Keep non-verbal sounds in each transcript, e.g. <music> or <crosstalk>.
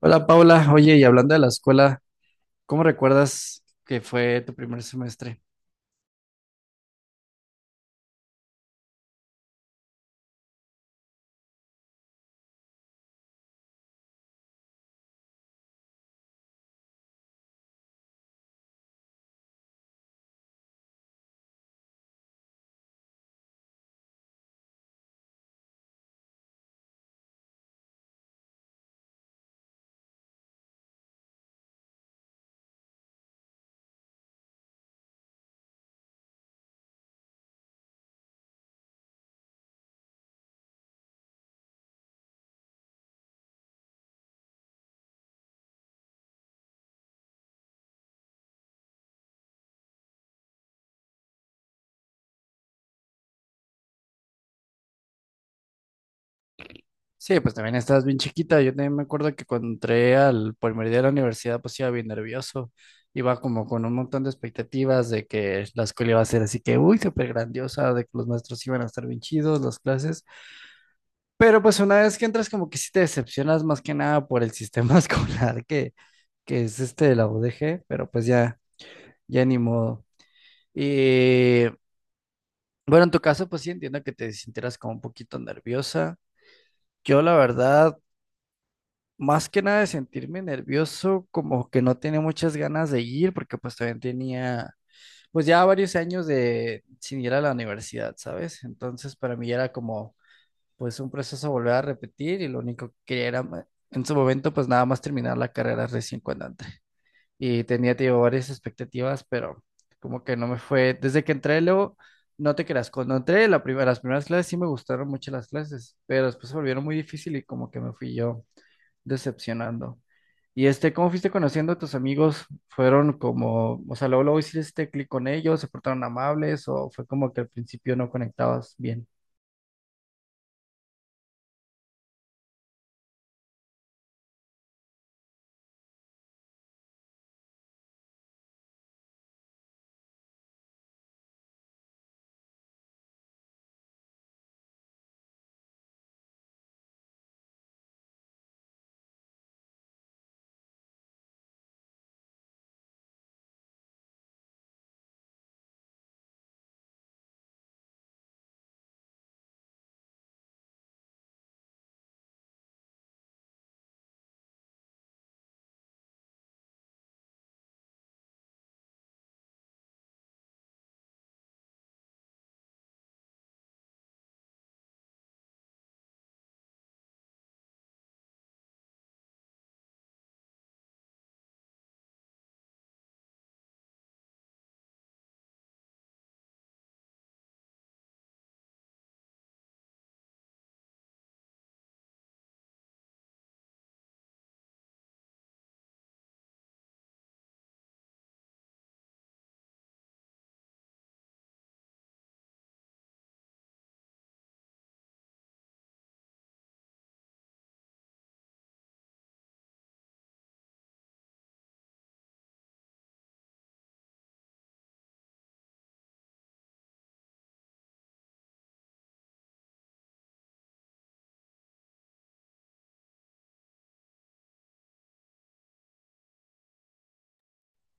Hola Paula, oye, y hablando de la escuela, ¿cómo recuerdas que fue tu primer semestre? Sí, pues también estabas bien chiquita. Yo también me acuerdo que cuando entré al primer día de la universidad, pues iba bien nervioso. Iba como con un montón de expectativas de que la escuela iba a ser así que, uy, súper grandiosa, de que los maestros iban a estar bien chidos, las clases. Pero pues una vez que entras, como que sí te decepcionas más que nada por el sistema <laughs> escolar que es este de la UDG, pero pues ya, ya ni modo. Y. Bueno, en tu caso, pues sí entiendo que te sintieras como un poquito nerviosa. Yo, la verdad, más que nada de sentirme nervioso, como que no tenía muchas ganas de ir, porque pues también tenía, pues ya varios años de sin ir a la universidad, ¿sabes? Entonces, para mí era como, pues un proceso volver a repetir y lo único que quería era, en su momento, pues nada más terminar la carrera recién cuando y tenía, te digo, varias expectativas, pero como que no me fue. Desde que entré, luego, no te creas, cuando entré las primeras clases sí me gustaron mucho las clases, pero después se volvieron muy difícil y como que me fui yo decepcionando. Y este, ¿cómo fuiste conociendo a tus amigos? ¿Fueron como, o sea, luego hiciste clic con ellos, se portaron amables o fue como que al principio no conectabas bien?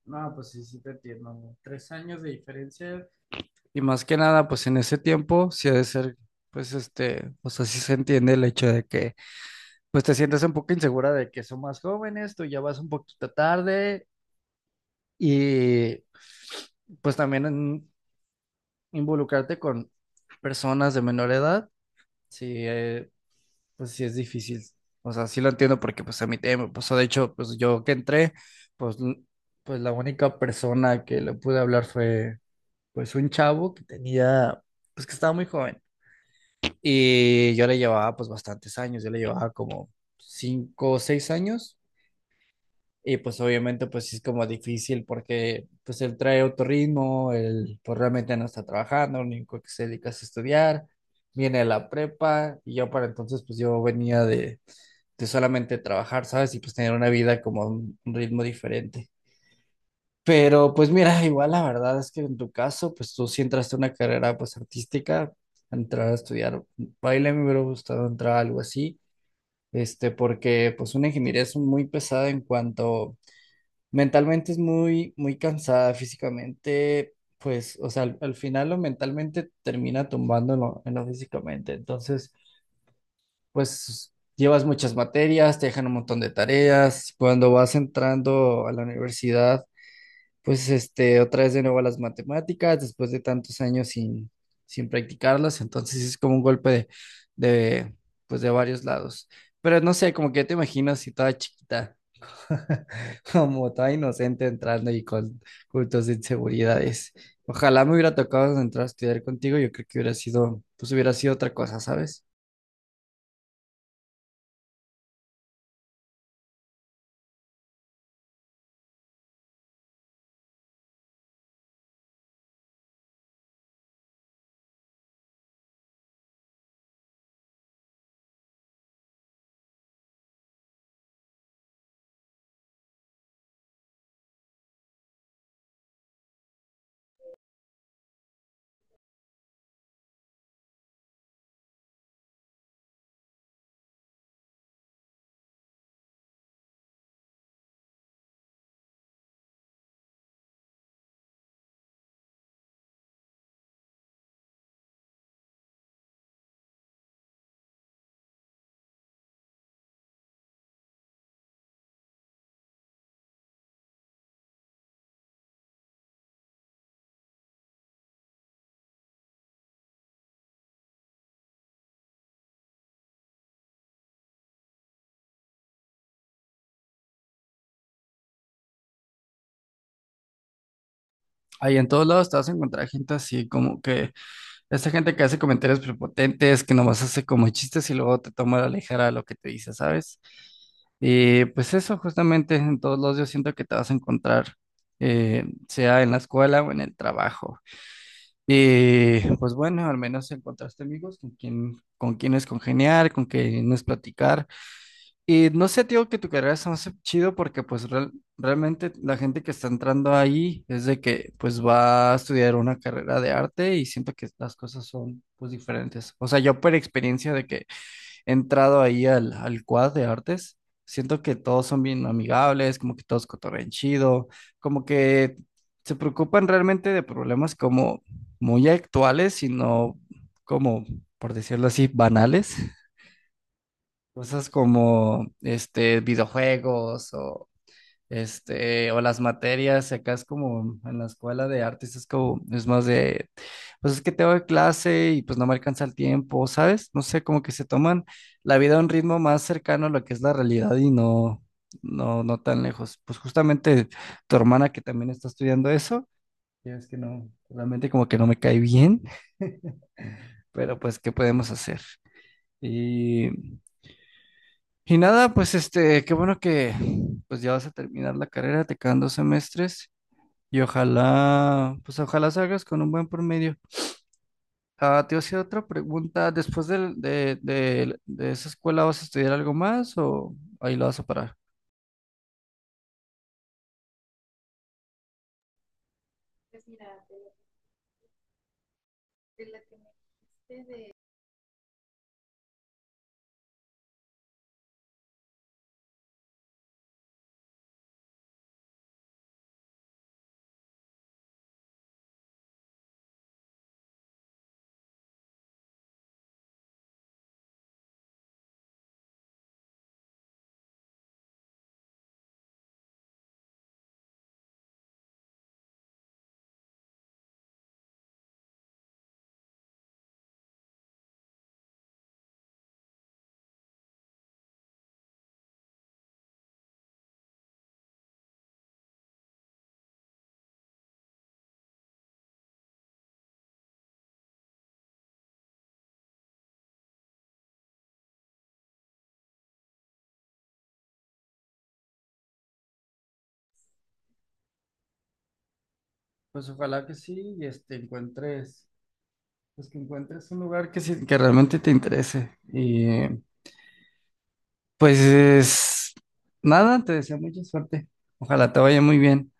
No, pues sí, sí te entiendo, ¿no? 3 años de diferencia. Y más que nada, pues en ese tiempo sí ha de ser, pues este, o sea, sí se entiende el hecho de que, pues te sientes un poco insegura de que son más jóvenes, tú ya vas un poquito tarde y pues también involucrarte con personas de menor edad, sí, pues sí es difícil. O sea, sí lo entiendo porque pues a mí también me pasó, de hecho, pues yo que entré, pues, pues la única persona que le pude hablar fue pues un chavo que tenía, pues que estaba muy joven. Y yo le llevaba pues bastantes años, yo le llevaba como 5 o 6 años y pues obviamente pues sí es como difícil porque pues él trae otro ritmo, él pues realmente no está trabajando, lo único que se dedica es a estudiar, viene de la prepa y yo para entonces pues yo venía de solamente trabajar, ¿sabes? Y pues tener una vida como un ritmo diferente. Pero pues mira, igual la verdad es que en tu caso, pues tú sí entraste a una carrera pues artística, entrar a estudiar baile, me hubiera gustado entrar a algo así, este, porque pues una ingeniería es muy pesada en cuanto mentalmente es muy, muy cansada físicamente, pues, o sea, al final lo mentalmente termina tumbando en lo físicamente, entonces, pues llevas muchas materias, te dejan un montón de tareas, cuando vas entrando a la universidad pues este, otra vez de nuevo a las matemáticas, después de tantos años sin practicarlas, entonces es como un golpe de, pues de varios lados. Pero no sé, como que te imagino si toda chiquita, <laughs> como toda inocente entrando y con cultos de inseguridades. Ojalá me hubiera tocado entrar a estudiar contigo, yo creo que hubiera sido, pues hubiera sido otra cosa, ¿sabes? Ahí en todos lados te vas a encontrar gente así como que esta gente que hace comentarios prepotentes, que nomás hace como chistes y luego te toma a la ligera lo que te dice, ¿sabes? Y pues eso, justamente en todos los yo siento que te vas a encontrar, sea en la escuela o en el trabajo. Y pues bueno, al menos encontraste amigos con quien, con quienes congeniar, con quienes platicar. Y no sé, tío, que tu carrera se me hace chido porque pues realmente la gente que está entrando ahí es de que pues va a estudiar una carrera de arte y siento que las cosas son pues diferentes. O sea, yo por experiencia de que he entrado ahí al quad de artes, siento que todos son bien amigables, como que todos cotorrean chido, como que se preocupan realmente de problemas como muy actuales y no como, por decirlo así, banales. Cosas como este videojuegos o este o las materias, y acá es como en la escuela de artes es como es más de pues es que tengo clase y pues no me alcanza el tiempo, ¿sabes? No sé, como que se toman la vida a un ritmo más cercano a lo que es la realidad y no no tan lejos. Pues justamente tu hermana que también está estudiando eso, ya es que no realmente como que no me cae bien. <laughs> Pero pues ¿qué podemos hacer? Y y nada, pues este, qué bueno que pues ya vas a terminar la carrera, te quedan 2 semestres y ojalá, pues ojalá salgas con un buen promedio. Ah, te voy a hacer otra pregunta, ¿después de esa escuela vas a estudiar algo más o ahí lo vas a parar? Pues ojalá que sí, y este, encuentres, pues que encuentres un lugar que sí, que realmente te interese. Y pues nada, te deseo mucha suerte. Ojalá te vaya muy bien.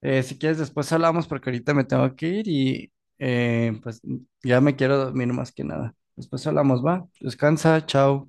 Si quieres, después hablamos porque ahorita me tengo que ir y pues ya me quiero dormir más que nada. Después hablamos, va. Descansa, chao.